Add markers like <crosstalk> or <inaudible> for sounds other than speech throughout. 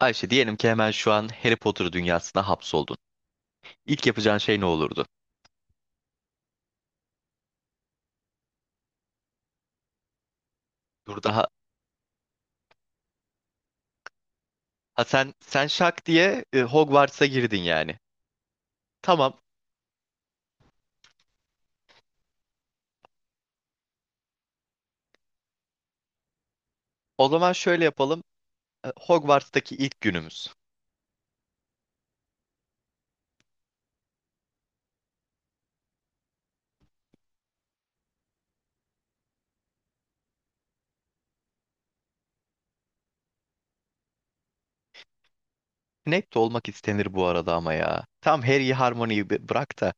Ayşe diyelim ki hemen şu an Harry Potter dünyasına hapsoldun. İlk yapacağın şey ne olurdu? Dur daha. Ha sen şak diye Hogwarts'a girdin yani. Tamam. O zaman şöyle yapalım. Hogwarts'taki ilk günümüz. Snape de olmak istenir bu arada ama ya. Tam Harry'i Harmony'yi bırak da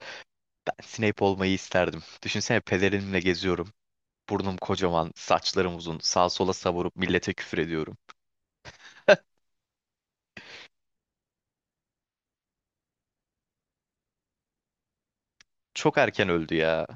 ben Snape olmayı isterdim. Düşünsene pelerinimle geziyorum. Burnum kocaman, saçlarım uzun. Sağa sola savurup millete küfür ediyorum. Çok erken öldü ya.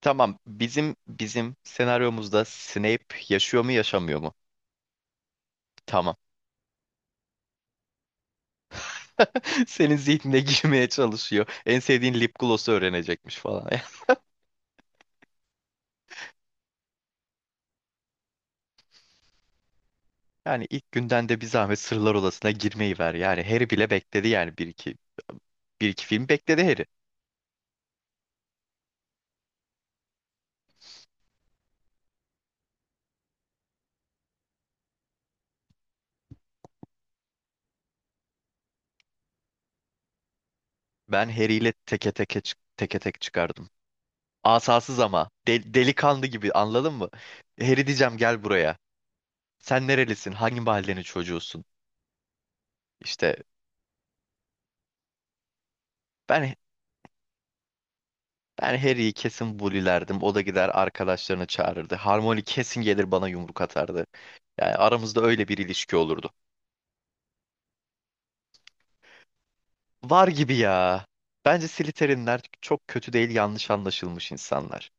Tamam, bizim senaryomuzda Snape yaşıyor mu yaşamıyor mu? Tamam. <laughs> Senin zihnine girmeye çalışıyor. En sevdiğin lip gloss'u öğrenecekmiş falan. <laughs> Yani ilk günden de bir zahmet Sırlar Odası'na girmeyi ver. Yani Harry bile bekledi yani bir iki film bekledi Harry. Ben Harry ile teke teke teke tek çıkardım. Asasız ama delikanlı gibi anladın mı? Harry diyeceğim, gel buraya. Sen nerelisin? Hangi mahallenin çocuğusun? İşte ben ben Harry'yi kesin bulilerdim. O da gider arkadaşlarını çağırırdı. Harmony kesin gelir bana yumruk atardı. Yani aramızda öyle bir ilişki olurdu. Var gibi ya. Bence Slytherin'ler çok kötü değil, yanlış anlaşılmış insanlar.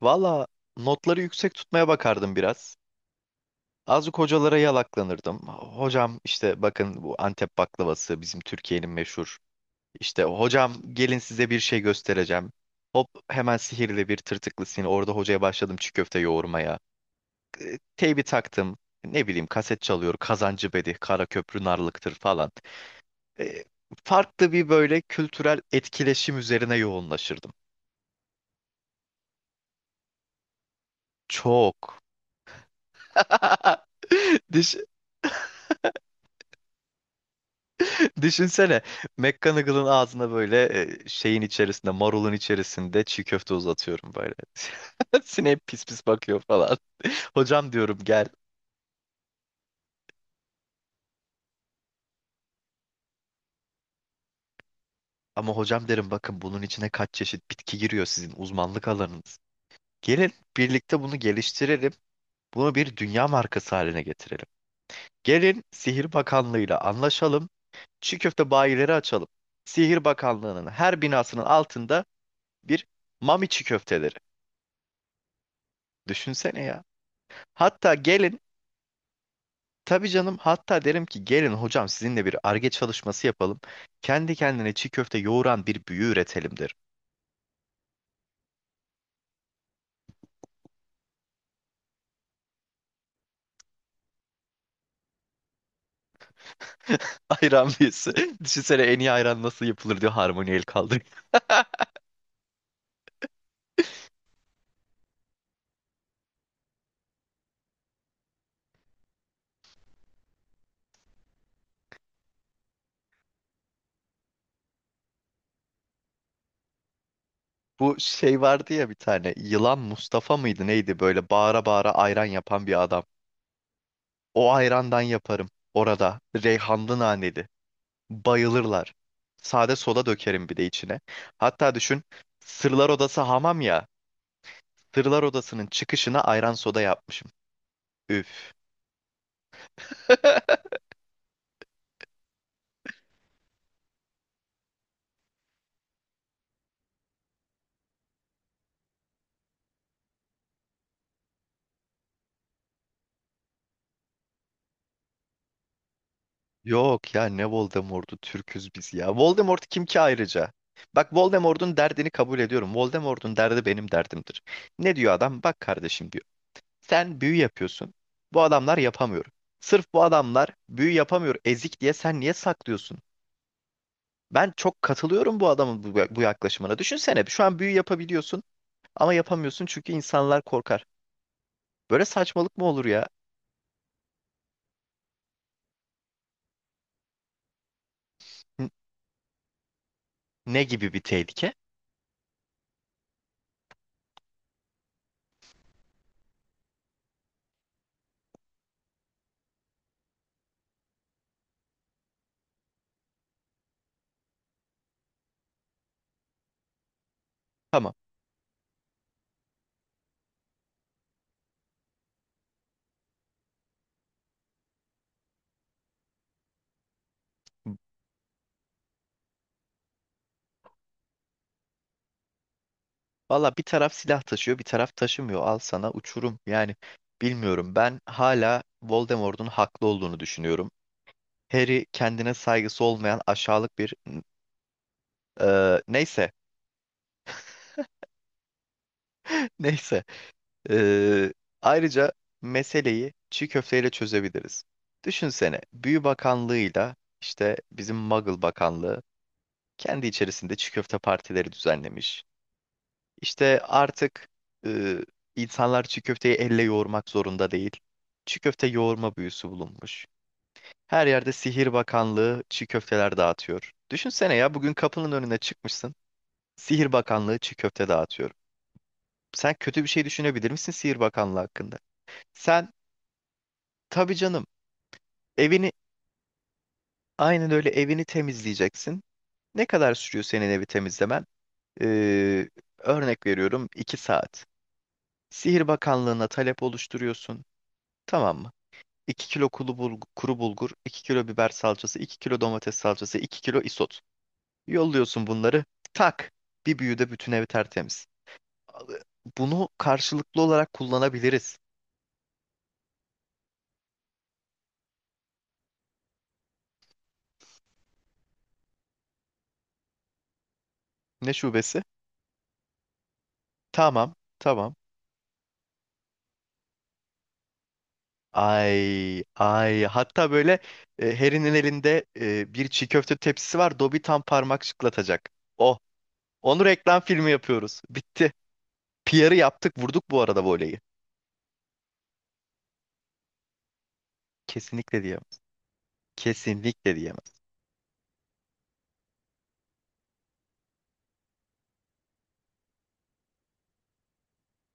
Valla notları yüksek tutmaya bakardım biraz. Azıcık hocalara yalaklanırdım. Hocam işte bakın, bu Antep baklavası bizim Türkiye'nin meşhur. İşte hocam, gelin size bir şey göstereceğim. Hop hemen sihirli bir tırtıklı sin. Orada hocaya başladım çiğ köfte yoğurmaya. Teybi taktım. Ne bileyim kaset çalıyor. Kazancı Bedi, Kara Köprü Narlıktır falan. e, Farklı bir böyle kültürel etkileşim üzerine yoğunlaşırdım. Çok. <laughs> Düş- Düşünsene McGonagall'ın ağzına böyle şeyin içerisinde, marulun içerisinde çiğ köfte uzatıyorum böyle. <laughs> Snape pis pis bakıyor falan. <laughs> Hocam diyorum, gel. Ama hocam derim, bakın bunun içine kaç çeşit bitki giriyor, sizin uzmanlık alanınız. Gelin birlikte bunu geliştirelim. Bunu bir dünya markası haline getirelim. Gelin Sihir Bakanlığı'yla anlaşalım. Çiğ köfte bayileri açalım. Sihir Bakanlığı'nın her binasının altında bir mami çiğ köfteleri. Düşünsene ya. Hatta gelin, tabii canım, hatta derim ki gelin hocam, sizinle bir arge çalışması yapalım. Kendi kendine çiğ köfte yoğuran bir büyü üretelim derim. <laughs> Ayran büyüsü. Düşünsene en iyi ayran nasıl yapılır diyor, harmoni el kaldırıyor. Bu şey vardı ya, bir tane yılan Mustafa mıydı neydi, böyle bağıra bağıra ayran yapan bir adam. O ayrandan yaparım orada, reyhanlı naneli. Bayılırlar. Sade soda dökerim bir de içine. Hatta düşün, Sırlar Odası hamam ya. Sırlar Odası'nın çıkışına ayran soda yapmışım. Üf. <laughs> Yok ya, ne Voldemort'u, Türküz biz ya. Voldemort kim ki ayrıca? Bak, Voldemort'un derdini kabul ediyorum. Voldemort'un derdi benim derdimdir. Ne diyor adam? Bak kardeşim diyor. Sen büyü yapıyorsun. Bu adamlar yapamıyor. Sırf bu adamlar büyü yapamıyor ezik diye sen niye saklıyorsun? Ben çok katılıyorum bu adamın bu yaklaşımına. Düşünsene şu an büyü yapabiliyorsun ama yapamıyorsun çünkü insanlar korkar. Böyle saçmalık mı olur ya? N- Ne gibi bir tehlike? Tamam. Valla bir taraf silah taşıyor, bir taraf taşımıyor. Al sana uçurum. Yani bilmiyorum. Ben hala Voldemort'un haklı olduğunu düşünüyorum. Harry kendine saygısı olmayan aşağılık bir neyse, <laughs> neyse. Ee, Ayrıca meseleyi çiğ köfteyle çözebiliriz. Düşünsene, Büyü Bakanlığı'yla, işte bizim Muggle Bakanlığı, kendi içerisinde çiğ köfte partileri düzenlemiş. İşte artık e, insanlar çiğ köfteyi elle yoğurmak zorunda değil. Çiğ köfte yoğurma büyüsü bulunmuş. Her yerde Sihir Bakanlığı çiğ köfteler dağıtıyor. Düşünsene ya, bugün kapının önüne çıkmışsın. Sihir Bakanlığı çiğ köfte dağıtıyor. Sen kötü bir şey düşünebilir misin Sihir Bakanlığı hakkında? Sen Tabii canım. Evini aynen öyle, evini temizleyeceksin. Ne kadar sürüyor senin evi temizlemen? Ee, Örnek veriyorum, 2 saat. Sihir Bakanlığı'na talep oluşturuyorsun. Tamam mı? 2 kilo kuru bulgur, 2 kilo biber salçası, 2 kilo domates salçası, 2 kilo isot. Yolluyorsun bunları. Tak! Bir büyüde bütün evi tertemiz. Bunu karşılıklı olarak kullanabiliriz. Ne şubesi? Tamam, tamam. Ay ay, hatta böyle Harry'nin elinde bir çiğ köfte tepsisi var. Dobby tam parmak şıklatacak. Oh, onu reklam filmi yapıyoruz. Bitti. PR'ı yaptık, vurduk bu arada voleyi. Kesinlikle diyemez. Kesinlikle diyemez.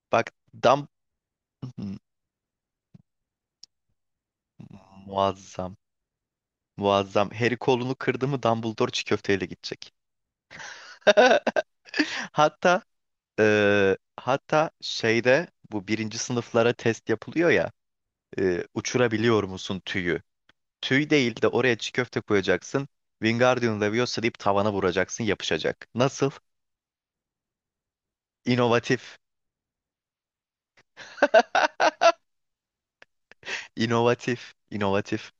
Bak. dam Hmm, <laughs> muazzam. Muazzam. Harry kolunu kırdı mı Dumbledore çiğ köfteyle gidecek. <laughs> Hatta hatta şeyde bu birinci sınıflara test yapılıyor ya, uçurabiliyor musun tüyü? Tüy değil de oraya çiğ köfte koyacaksın. Wingardium Leviosa deyip tavana vuracaksın, yapışacak. Nasıl? İnovatif. İnovatif. İnovatif.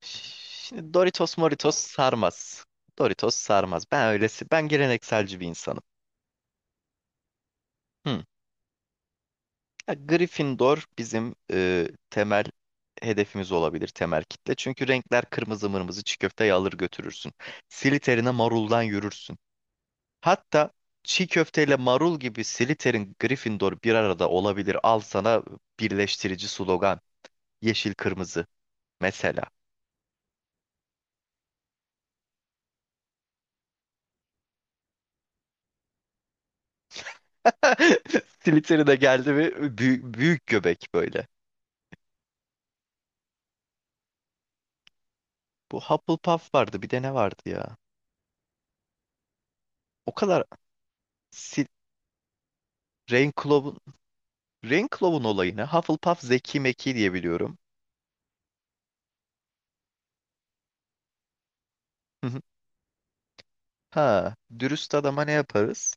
Şimdi Doritos Moritos sarmaz. Doritos sarmaz. Ben öylesi. Ben gelenekselci bir insanım. Hı. Ya, Gryffindor bizim temel hedefimiz olabilir. Temel kitle. Çünkü renkler kırmızı mırmızı, çiğ köfteyi alır götürürsün. Slytherin'e maruldan yürürsün. Hatta çiğ köfteyle marul gibi Slytherin, Gryffindor bir arada olabilir. Al sana birleştirici slogan. Yeşil kırmızı mesela. <laughs> Slytherin'e geldi mi büyük, büyük göbek böyle. Bu Hufflepuff vardı, bir de ne vardı ya? O kadar Sil Ravenclaw'un Ravenclaw'un olayını, Hufflepuff zeki meki diye biliyorum. Hı hı. Ha, dürüst adama ne yaparız?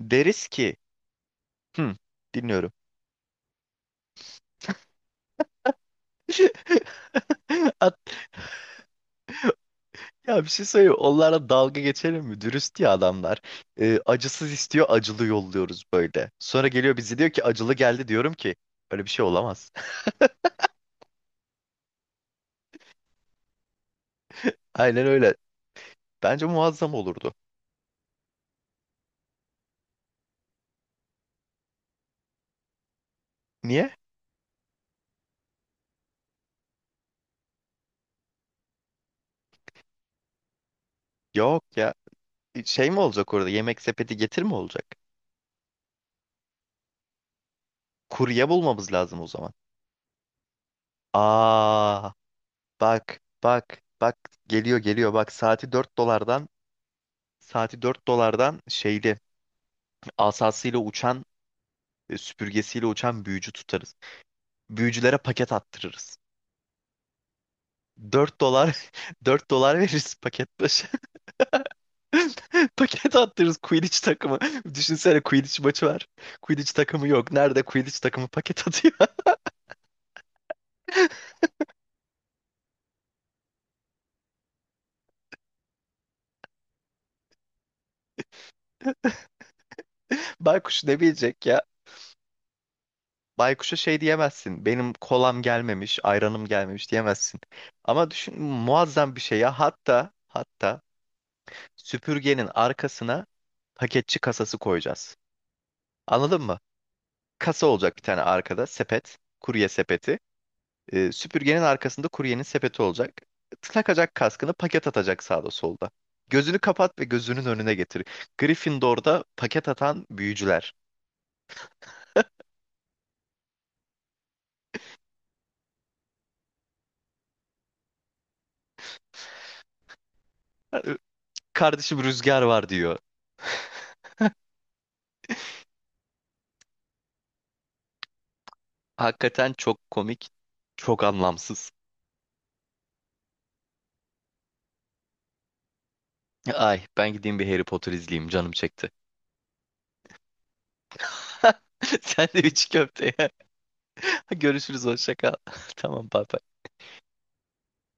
Deriz ki, hı, dinliyorum. <laughs> At- Ya, bir şey söyleyeyim. Onlara dalga geçelim mi? Dürüst ya adamlar. Acısız istiyor, acılı yolluyoruz böyle. Sonra geliyor, bizi diyor ki acılı geldi, diyorum ki öyle bir şey olamaz. <laughs> Aynen öyle. Bence muazzam olurdu. Niye? Yok ya. Şey mi olacak orada? Yemek sepeti getir mi olacak? Kurye bulmamız lazım o zaman. Aa, bak, bak, bak. Geliyor, geliyor. Bak saati dört dolardan şeyli asasıyla uçan, süpürgesiyle uçan büyücü tutarız, büyücülere paket attırırız. 4 dolar, <laughs> 4 dolar veririz paket başı. <laughs> Paket attırırız, Quidditch takımı. Düşünsene Quidditch maçı var. Quidditch takımı yok. Nerede Quidditch takımı paket atıyor? <laughs> Baykuş ne bilecek ya? Baykuş'a şey diyemezsin. Benim kolam gelmemiş, ayranım gelmemiş diyemezsin. Ama düşün muazzam bir şey ya. Hatta süpürgenin arkasına paketçi kasası koyacağız. Anladın mı? Kasa olacak bir tane arkada, sepet, kurye sepeti. Süpürgenin arkasında kuryenin sepeti olacak. Takacak kaskını, paket atacak sağda solda. Gözünü kapat ve gözünün önüne getir. Gryffindor'da paket atan büyücüler. E, Kardeşim rüzgar var diyor. Hakikaten çok komik, çok anlamsız. Ay ben gideyim bir Harry Potter izleyeyim, canım çekti. <laughs> Sen de üç köfte ye. <laughs> Görüşürüz, hoşça kal. <laughs> Tamam, bay bay.